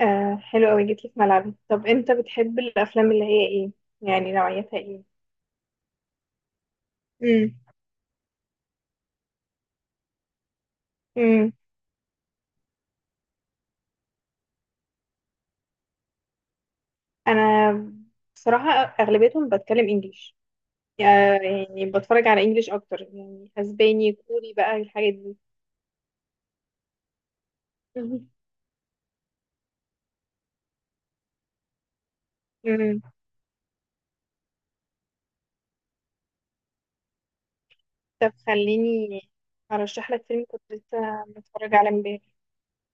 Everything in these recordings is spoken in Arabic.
آه حلو قوي، جيتي في ملعبي. طب انت بتحب الافلام اللي هي ايه؟ يعني نوعيتها ايه؟ امم امم انا بصراحه اغلبيتهم بتكلم انجليش، يعني بتفرج على انجليش اكتر، يعني اسباني كوري بقى الحاجات دي. مهم. امم، طب خليني ارشح لك فيلم كنت لسه متفرج عليه امبارح.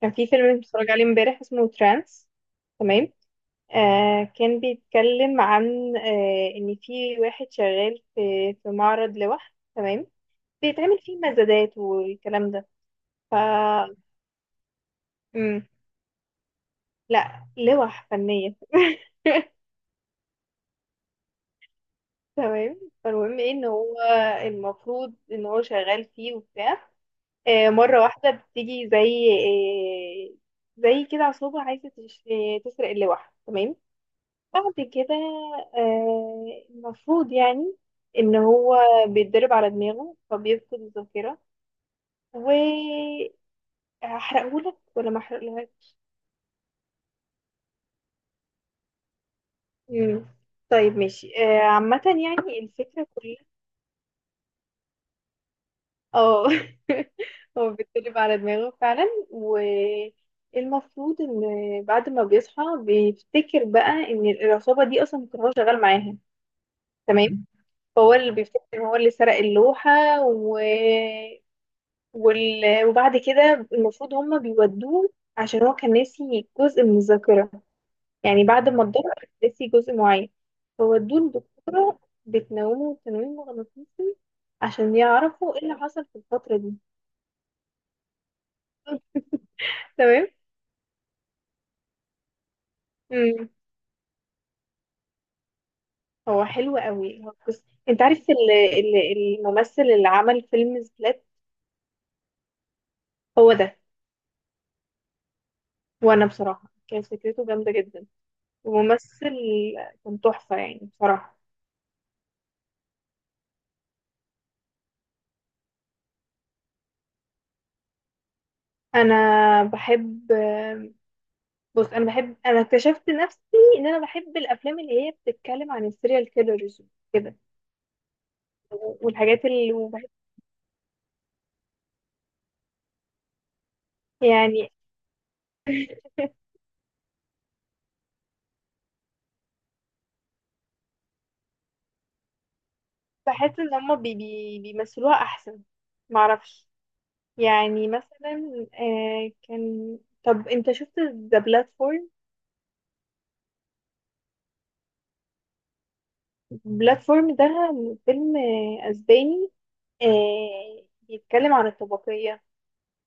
كان في فيلم متفرج عليه امبارح اسمه ترانس، تمام. كان بيتكلم عن ان في واحد شغال في معرض لوح، تمام. بيتعمل فيه مزادات والكلام ده. ف مم. لا، لوح فنية تمام، فالمهم ايه ان هو المفروض ان هو شغال فيه وبتاع. مرة واحدة بتيجي زي زي كده عصابة عايزة تسرق اللوح، تمام. بعد كده المفروض يعني ان هو بيتدرب على دماغه فبيفقد الذاكرة. و هحرقهولك ولا ما مم. طيب ماشي. عامة يعني الفكرة كلها. اه هو بيتقلب على دماغه فعلا. والمفروض ان بعد ما بيصحى بيفتكر بقى ان العصابة دي اصلا كان هو شغال معاها، تمام. فهو اللي بيفتكر ان هو اللي سرق اللوحة و... وبعد كده المفروض هما بيودوه عشان هو كان ناسي جزء من الذاكرة، يعني بعد ما اتضرب ناسي جزء معين، فودوه لدكتورة بتنومه تنويم مغناطيسي عشان يعرفوا ايه اللي حصل في الفترة دي. تمام. امم، هو حلو قوي، هو بس انت عارف ال- الممثل اللي عمل فيلم سبلات؟ هو ده. وانا بصراحة كانت فكرته جامدة جدا، وممثل كان تحفة يعني بصراحة. انا بحب بص انا بحب، انا اكتشفت نفسي ان انا بحب الافلام اللي هي بتتكلم عن السيريال كيلرز كده، والحاجات اللي وبحب- يعني بحس ان هما بي بيمثلوها احسن، معرفش. يعني مثلا آه كان طب انت شفت ذا بلاتفورم؟ بلاتفورم ده فيلم اسباني. بيتكلم عن الطبقية،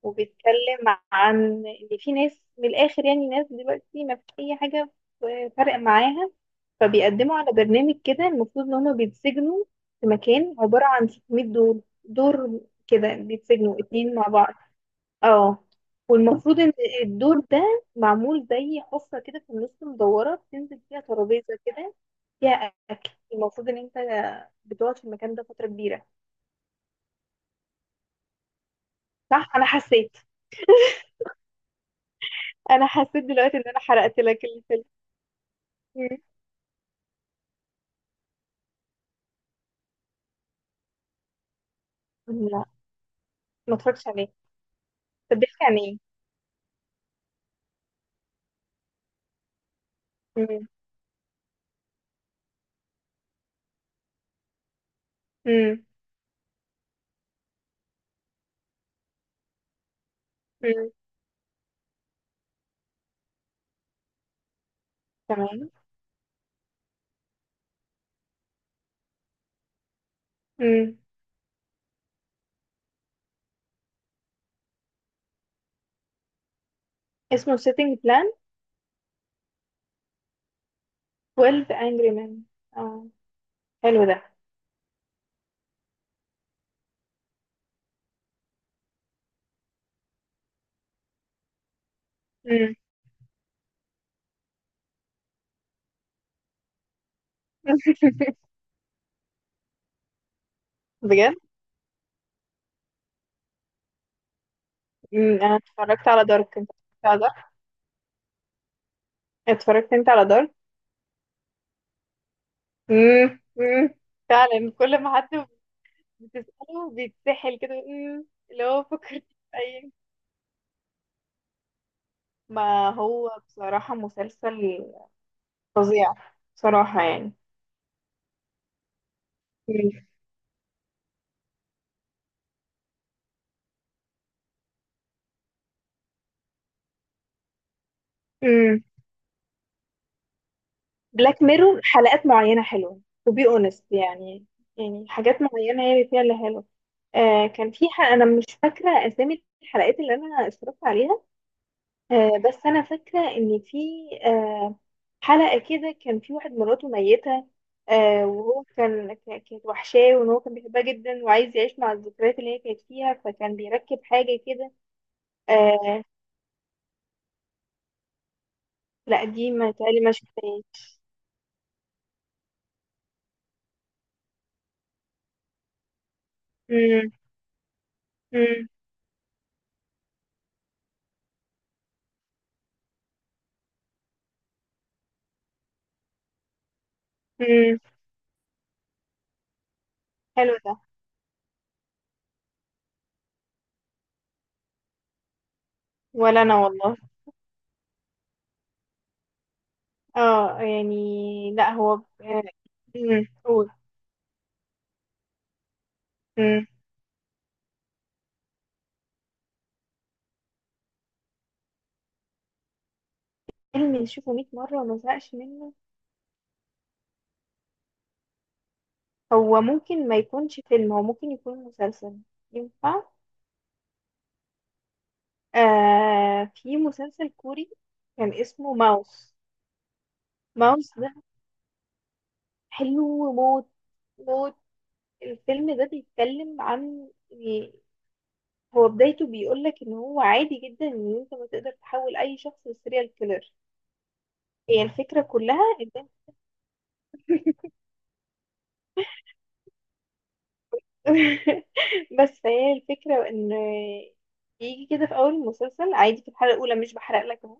وبيتكلم عن ان في ناس من الاخر، يعني ناس دلوقتي ما فيش اي حاجة فرق معاها. فبيقدموا على برنامج كده المفروض ان هما بيتسجنوا في مكان عبارة عن 600 دور كده، بيتسجنوا اتنين مع بعض. اه. والمفروض ان الدور ده معمول زي حفرة كده في النص مدورة، بتنزل فيها ترابيزة كده فيها اكل. المفروض ان انت بتقعد في المكان ده فترة كبيرة. صح، انا حسيت، انا حسيت دلوقتي ان انا حرقت لك الفيلم. مم. لا، ما اتفرجتش عليه. طب بيحكي عن ايه؟ مم. مم. مم. تمام. مم. اسمه Setting Plan. 12 Angry Men. اه، حلو ده. مم. بجد. مم. انا اتفرجت على دارك، انت اتفرجت على دارك؟ اتفرجت انت على دارك؟ امم. فعلا كل ما حد بتسأله بيتسحل كده. امم، اللي هو فكر في اي. ما هو بصراحة مسلسل فظيع، بصراحة يعني. امم. بلاك ميرور حلقات معينة حلوة to be honest، يعني. يعني حاجات معينة هي اللي فيها اللي حلوة. كان في حلقة، أنا مش فاكرة أسامي الحلقات اللي أنا اتفرجت عليها. بس انا فاكره ان في آه، حلقه كده كان في واحد مراته ميته، وهو كان كانت وحشاه وان هو كان بيحبها جدا وعايز يعيش مع الذكريات اللي هي كانت فيها، فكان بيركب حاجه كده. آه، لا دي ما تقالي، ما شفتهاش. مم، مم، مم. حلو ده. ولا انا والله. اه يعني. لا هو آه، مم، قول. مم. فيلم نشوفه 100 مرة وما زهقش منه؟ هو ممكن ما يكونش فيلم، هو ممكن يكون مسلسل، ينفع؟ في مسلسل كوري كان اسمه ماوس. ماوس ده حلو موت موت. الفيلم ده بيتكلم عن، يعني هو بدايته بيقولك ان هو عادي جدا ان انت ما تقدر تحول اي شخص لسيريال كيلر. هي الفكرة كلها ان بس هي الفكرة ان بيجي كده في اول المسلسل عادي في الحلقة الاولى، مش بحرق لك اهو،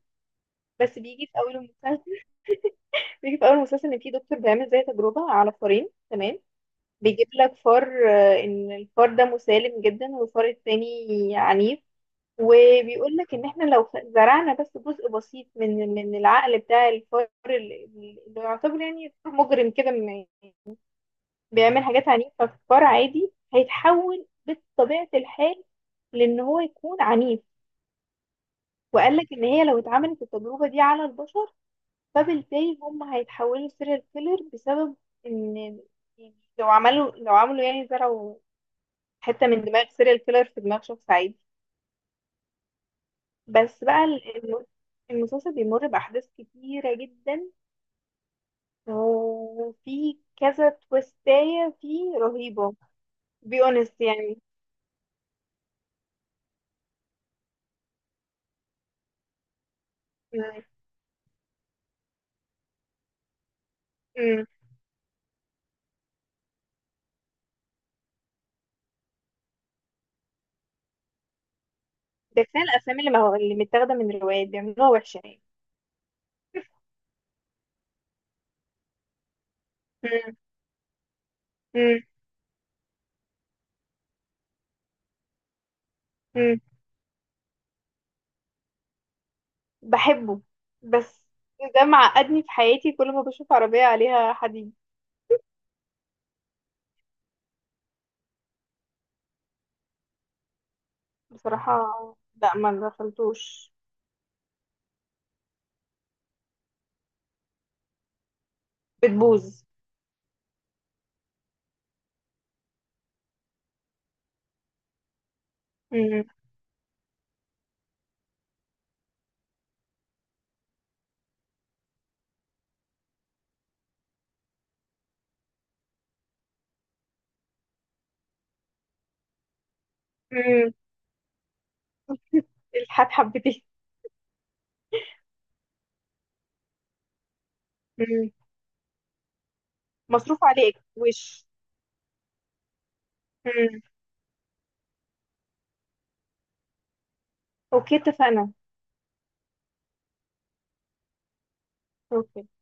بس بيجي في اول المسلسل بيجي في اول المسلسل ان في دكتور بيعمل زي تجربة على فارين، تمام. بيجيب لك فار ان الفار ده مسالم جدا والفار التاني عنيف. وبيقول لك ان احنا لو زرعنا بس جزء بسيط من العقل بتاع الفار اللي يعتبر يعني فار مجرم كده، بيعمل حاجات عنيفة، فالفار عادي هيتحول بطبيعة الحال، لان هو يكون عنيف. وقال لك ان هي لو اتعملت التجربة دي على البشر فبالتالي هم هيتحولوا سيريال كيلر بسبب ان يعني لو عملوا يعني زرعوا حته من دماغ سيريال كيلر في دماغ شخص عادي. بس بقى المسلسل بيمر باحداث كتيره جدا، وفي كذا تويستايه فيه رهيبه، بي اونست يعني. مم. مم. ده كفايه الافلام اللي ما هو اللي متاخده من روايات بيعملوها وحشه يعني. مم. مم. مم. بحبه، بس ده معقدني في حياتي كل ما بشوف عربيه عليها حديد. بصراحه لا، ما دخلتوش. بتبوظ. مم. مم. الحاد حبتين. مصروف عليه وش. مم. اوكي، اتفقنا. اوكي.